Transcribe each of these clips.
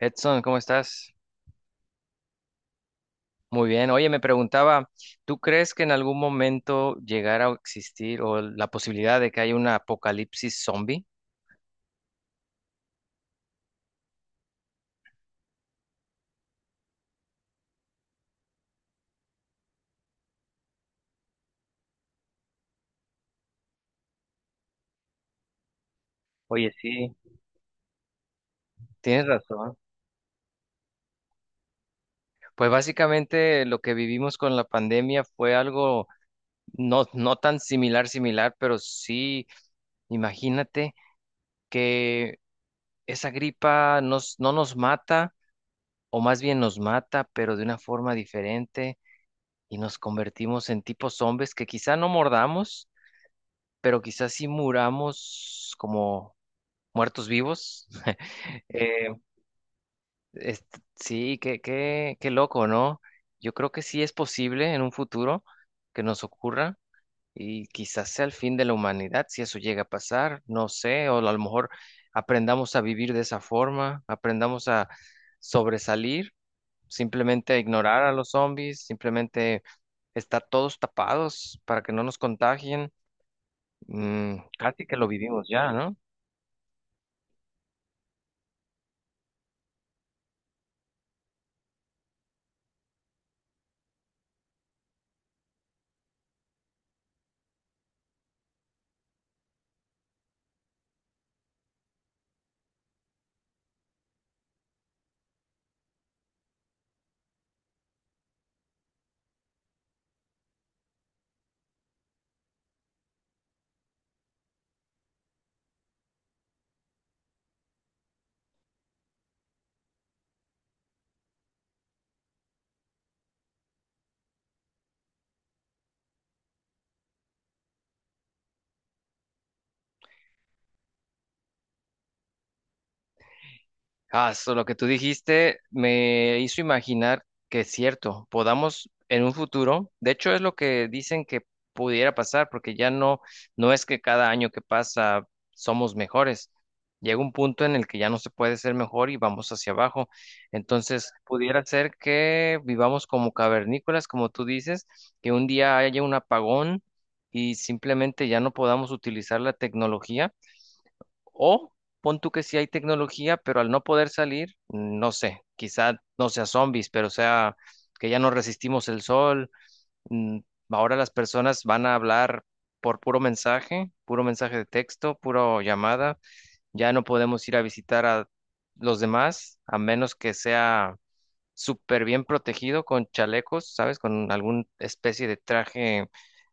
Edson, ¿cómo estás? Muy bien. Oye, me preguntaba, ¿tú crees que en algún momento llegara a existir o la posibilidad de que haya un apocalipsis zombie? Oye, sí, tienes razón. Pues básicamente lo que vivimos con la pandemia fue algo no tan similar, similar, pero sí, imagínate que esa gripa no nos mata, o más bien nos mata, pero de una forma diferente, y nos convertimos en tipos zombies que quizá no mordamos, pero quizás si muramos como muertos vivos. Eh, sí, qué loco, ¿no? Yo creo que sí es posible en un futuro que nos ocurra, y quizás sea el fin de la humanidad si eso llega a pasar. No sé, o a lo mejor aprendamos a vivir de esa forma, aprendamos a sobresalir, simplemente a ignorar a los zombies, simplemente estar todos tapados para que no nos contagien. Mm, casi que lo vivimos ya, ¿no? Lo que tú dijiste me hizo imaginar que es cierto, podamos en un futuro. De hecho es lo que dicen que pudiera pasar, porque no es que cada año que pasa somos mejores. Llega un punto en el que ya no se puede ser mejor y vamos hacia abajo. Entonces, pudiera ser que vivamos como cavernícolas, como tú dices, que un día haya un apagón y simplemente ya no podamos utilizar la tecnología, o pon tú que sí hay tecnología, pero al no poder salir, no sé, quizá no sea zombies, pero sea que ya no resistimos el sol. mm, Ahora las personas van a hablar por puro mensaje de texto, puro llamada. Ya no podemos ir a visitar a los demás, a menos que sea súper bien protegido con chalecos, ¿sabes? Con alguna especie de traje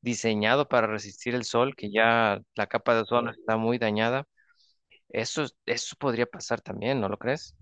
diseñado para resistir el sol, que ya la capa de ozono está muy dañada. Eso podría pasar también, ¿no lo crees?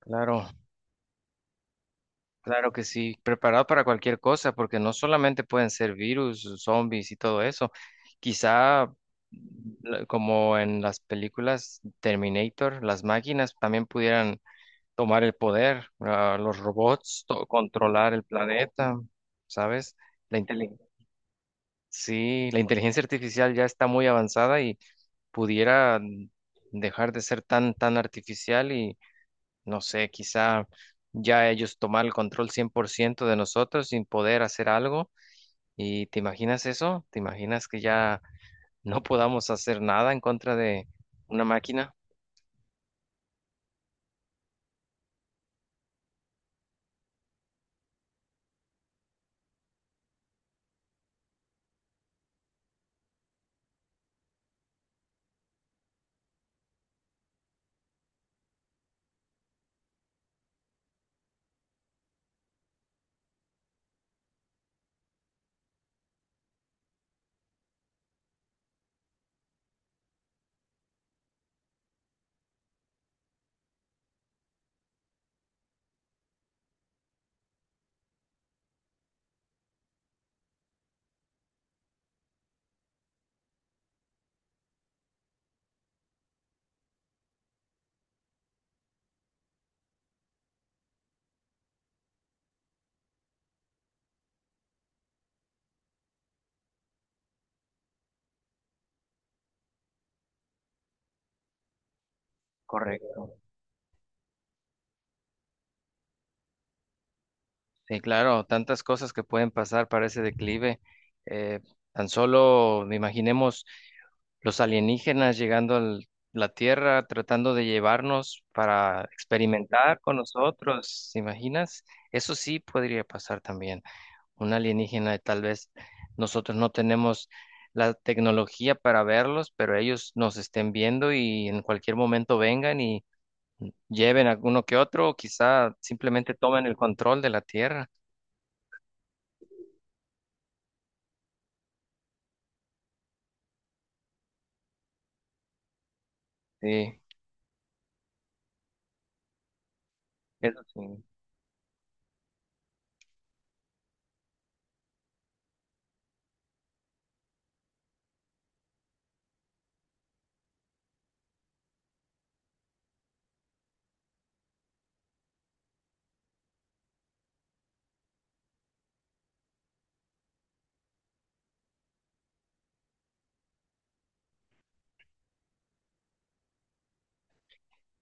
Claro, claro que sí. Preparado para cualquier cosa, porque no solamente pueden ser virus, zombies y todo eso. Quizá, como en las películas Terminator, las máquinas también pudieran tomar el poder, ah, los robots, controlar el planeta, ¿sabes? La inteligencia. Sí, la inteligencia artificial ya está muy avanzada y pudiera dejar de ser tan artificial y no sé, quizá ya ellos tomar el control 100% de nosotros sin poder hacer algo. ¿Y te imaginas eso? ¿Te imaginas que ya no podamos hacer nada en contra de una máquina? Correcto. Sí, claro, tantas cosas que pueden pasar para ese declive. Eh, tan solo imaginemos los alienígenas llegando a la Tierra, tratando de llevarnos para experimentar con nosotros. ¿Te imaginas? Eso sí podría pasar también. Un alienígena, y tal vez nosotros no tenemos la tecnología para verlos, pero ellos nos estén viendo y en cualquier momento vengan y lleven a uno que otro, o quizá simplemente tomen el control de la Tierra. Sí, eso sí.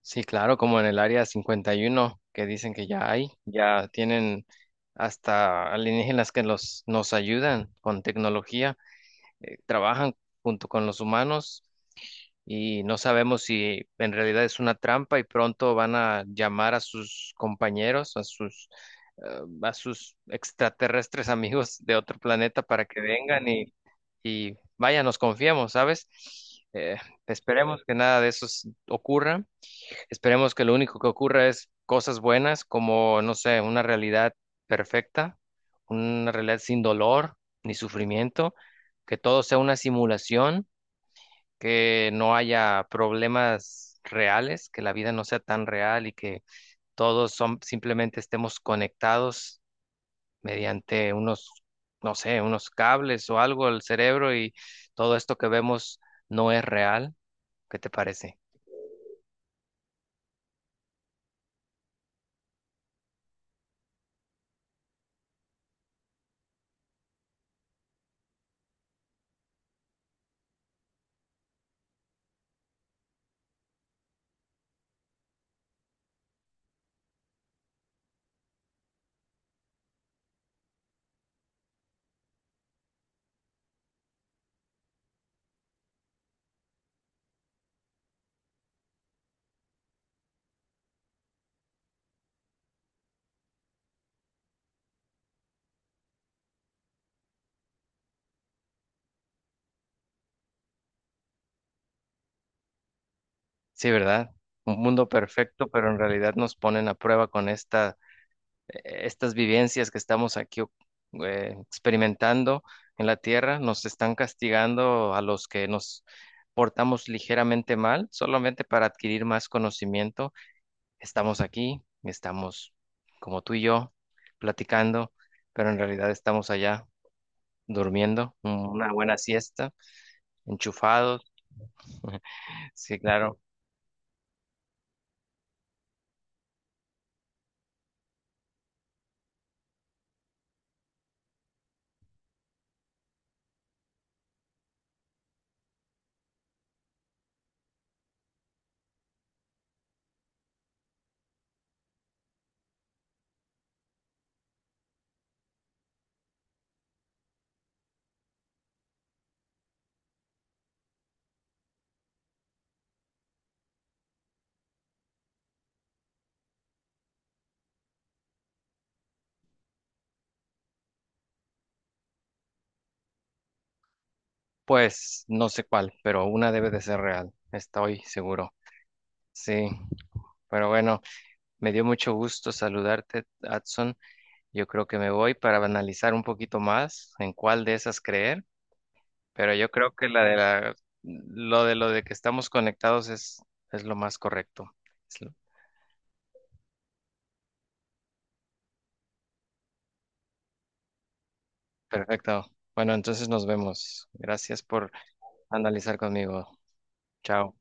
Sí, claro, como en el área 51, que dicen que ya hay, ya tienen hasta alienígenas que los, nos ayudan con tecnología, trabajan junto con los humanos, y no sabemos si en realidad es una trampa y pronto van a llamar a sus compañeros, a sus extraterrestres amigos de otro planeta para que vengan y vaya, nos confiemos, ¿sabes? Eh, esperemos que nada de eso ocurra. Esperemos que lo único que ocurra es cosas buenas, como, no sé, una realidad perfecta, una realidad sin dolor ni sufrimiento, que todo sea una simulación, que no haya problemas reales, que la vida no sea tan real y que todos son, simplemente estemos conectados mediante unos, no sé, unos cables o algo al cerebro, y todo esto que vemos no es real. ¿Qué te parece? Sí, ¿verdad? Un mundo perfecto, pero en realidad nos ponen a prueba con esta estas vivencias que estamos aquí experimentando en la tierra, nos están castigando a los que nos portamos ligeramente mal, solamente para adquirir más conocimiento. Estamos aquí, estamos como tú y yo platicando, pero en realidad estamos allá durmiendo una buena siesta, enchufados. Sí, claro. Pues no sé cuál, pero una debe de ser real. Estoy seguro. Sí, pero bueno. Me dio mucho gusto saludarte, Adson. Yo creo que me voy para analizar un poquito más en cuál de esas creer, pero yo creo que la de la, lo de que estamos conectados es lo más correcto. Es lo- perfecto. Bueno, entonces nos vemos. Gracias por analizar conmigo. Chao.